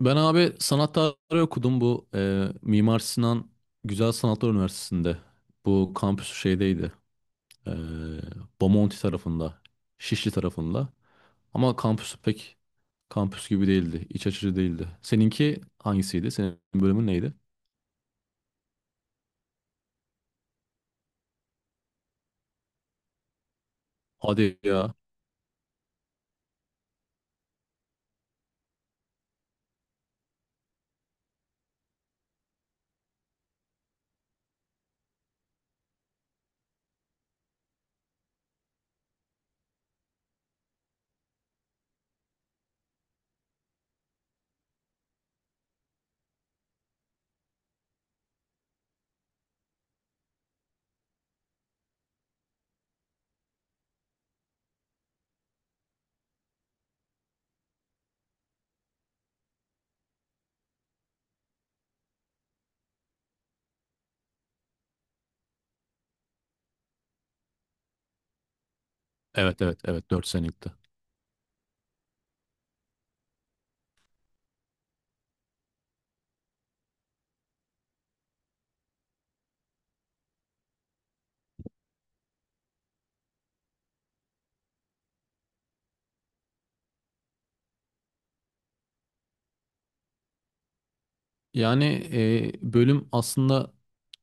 Ben abi sanat tarihi okudum Mimar Sinan Güzel Sanatlar Üniversitesi'nde. Bu kampüsü şeydeydi. E, Bomonti tarafında. Şişli tarafında. Ama kampüsü pek kampüs gibi değildi. İç açıcı değildi. Seninki hangisiydi? Senin bölümün neydi? Hadi ya. Evet, evet, evet, 4 senelikti. Yani bölüm aslında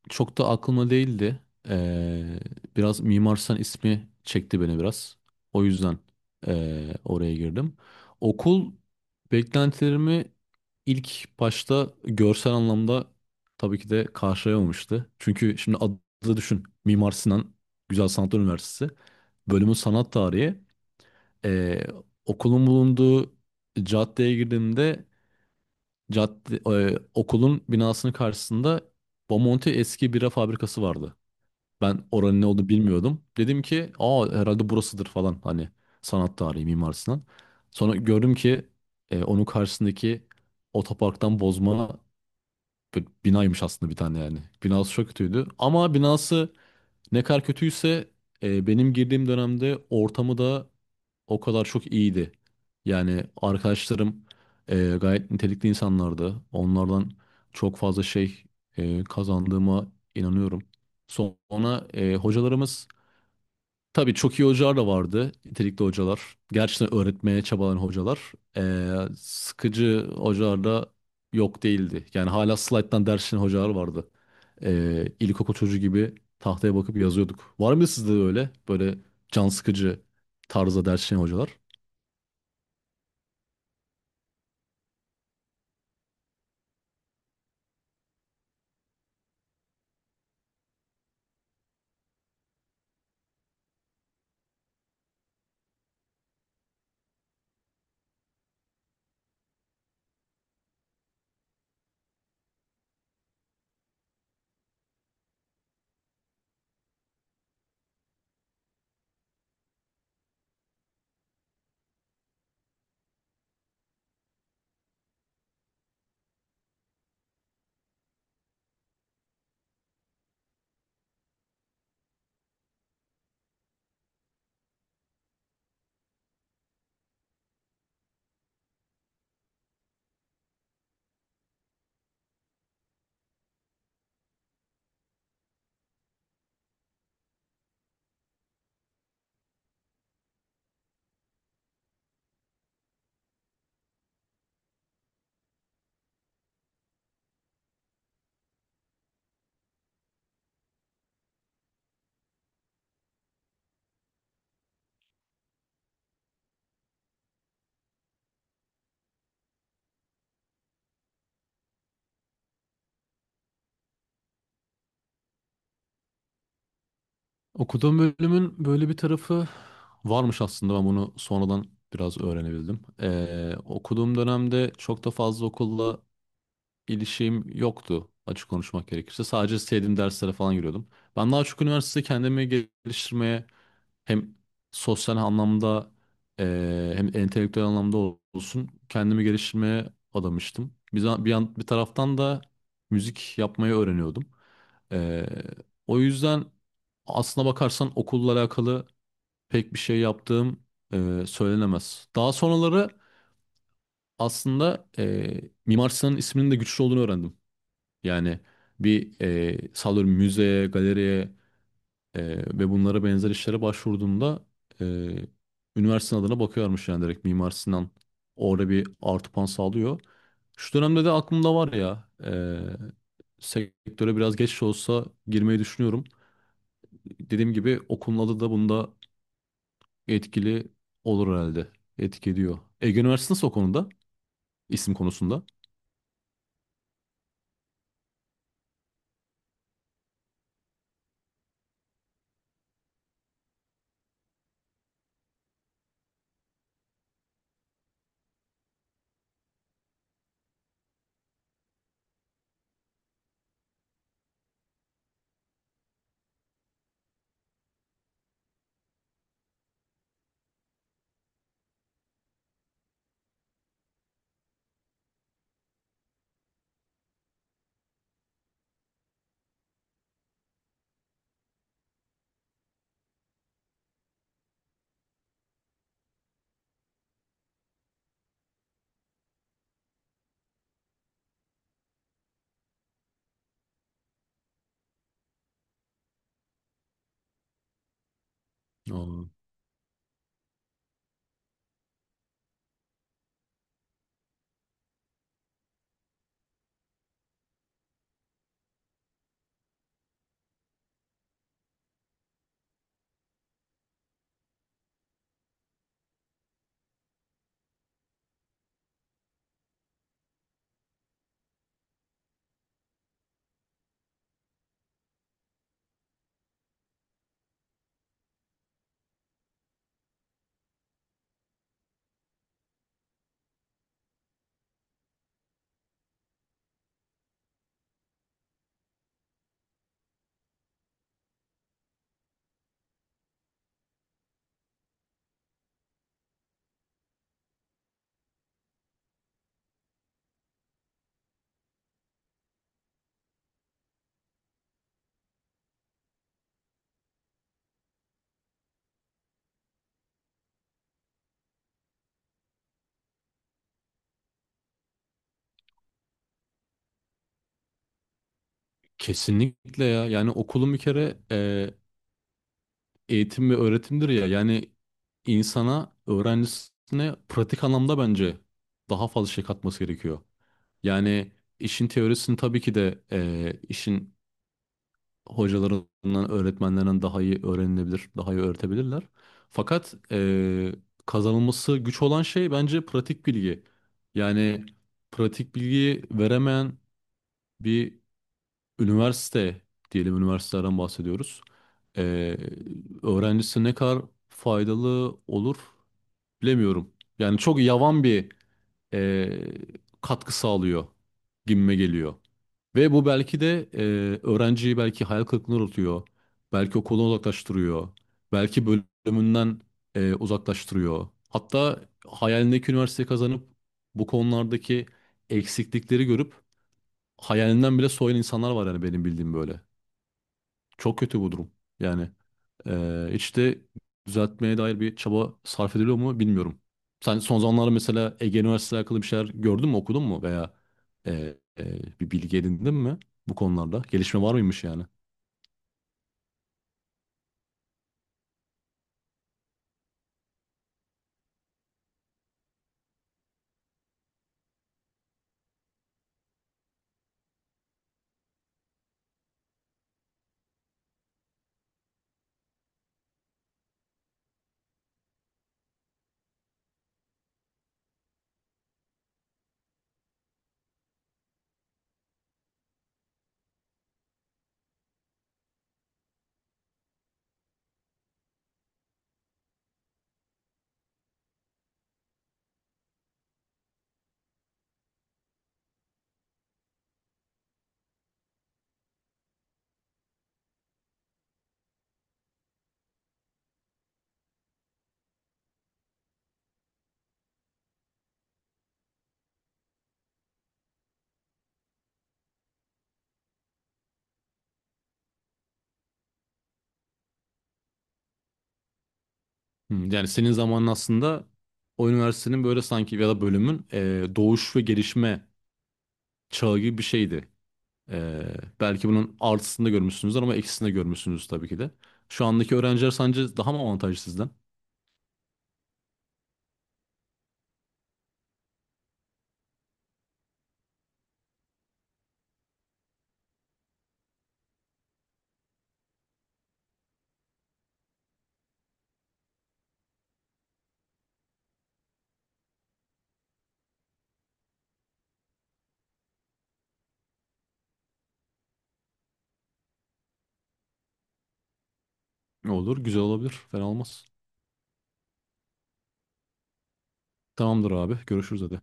çok da aklıma değildi. E, Biraz Mimar Sinan ismi çekti beni biraz. O yüzden oraya girdim. Okul beklentilerimi ilk başta görsel anlamda tabii ki de karşılayamamıştı. Çünkü şimdi adı düşün. Mimar Sinan Güzel Sanatlar Üniversitesi. Bölümün sanat tarihi. E, Okulun bulunduğu caddeye girdiğimde cadde, okulun binasının karşısında Bomonti eski bira fabrikası vardı. Ben oranın ne olduğunu bilmiyordum. Dedim ki aa, herhalde burasıdır falan, hani sanat tarihi Mimar Sinan. Sonra gördüm ki onun karşısındaki otoparktan bozma bir binaymış aslında, bir tane yani. Binası çok kötüydü ama binası ne kadar kötüyse benim girdiğim dönemde ortamı da o kadar çok iyiydi. Yani arkadaşlarım gayet nitelikli insanlardı. Onlardan çok fazla şey kazandığıma inanıyorum. Sonra hocalarımız, tabii çok iyi hocalar da vardı. Nitelikli hocalar. Gerçekten öğretmeye çabalayan hocalar. Sıkıcı hocalar da yok değildi. Yani hala slayttan ders çalışan hocalar vardı. İlkokul çocuğu gibi tahtaya bakıp yazıyorduk. Var mı sizde de öyle? Böyle can sıkıcı tarzda ders çalışan hocalar? Okuduğum bölümün böyle bir tarafı varmış, aslında ben bunu sonradan biraz öğrenebildim. Okuduğum dönemde çok da fazla okulla ilişkim yoktu, açık konuşmak gerekirse. Sadece sevdiğim derslere falan giriyordum. Ben daha çok üniversitede kendimi geliştirmeye, hem sosyal anlamda hem entelektüel anlamda olsun, kendimi geliştirmeye adamıştım. Bir, za- bir, yan- bir taraftan da müzik yapmayı öğreniyordum. Eee, O yüzden aslına bakarsan okulla alakalı pek bir şey yaptığım söylenemez. Daha sonraları aslında Mimar Sinan'ın isminin de güçlü olduğunu öğrendim. Yani bir sallıyorum müzeye, galeriye ve bunlara benzer işlere başvurduğumda e, üniversitenin adına bakıyormuş, yani direkt Mimar Sinan orada bir artı puan sağlıyor. Şu dönemde de aklımda var ya, sektöre biraz geç de olsa girmeyi düşünüyorum. Dediğim gibi okulun adı da bunda etkili olur herhalde. Etki ediyor. Ege Üniversitesi nasıl o konuda? İsim konusunda. Aa, kesinlikle ya. Yani okulun bir kere eğitim ve öğretimdir ya, yani insana, öğrencisine pratik anlamda bence daha fazla şey katması gerekiyor. Yani işin teorisini tabii ki de işin hocalarından, öğretmenlerinden daha iyi öğrenilebilir, daha iyi öğretebilirler. Fakat kazanılması güç olan şey bence pratik bilgi. Yani pratik bilgiyi veremeyen bir üniversite, diyelim üniversitelerden bahsediyoruz. Ee, Öğrencisi ne kadar faydalı olur bilemiyorum. Yani çok yavan bir e, katkı sağlıyor gibime geliyor. Ve bu belki de öğrenciyi belki hayal kırıklığına uğratıyor. Belki okuldan uzaklaştırıyor. Belki bölümünden uzaklaştırıyor. Hatta hayalindeki üniversiteyi kazanıp bu konulardaki eksiklikleri görüp hayalinden bile soyun insanlar var, yani benim bildiğim böyle. Çok kötü bu durum. Yani hiç de düzeltmeye dair bir çaba sarf ediliyor mu bilmiyorum. Sen son zamanlarda mesela Ege Üniversitesi'yle alakalı bir şeyler gördün mü, okudun mu, veya bir bilgi edindin mi bu konularda? Gelişme var mıymış yani? Hmm. Yani senin zamanın aslında o üniversitenin böyle sanki, ya da bölümün doğuş ve gelişme çağı gibi bir şeydi. Ee, Belki bunun artısını da görmüşsünüzdür ama eksisini de görmüşsünüz tabii ki de. Şu andaki öğrenciler sence daha mı avantajlı sizden? Ne olur? Güzel olabilir. Fena olmaz. Tamamdır abi. Görüşürüz hadi.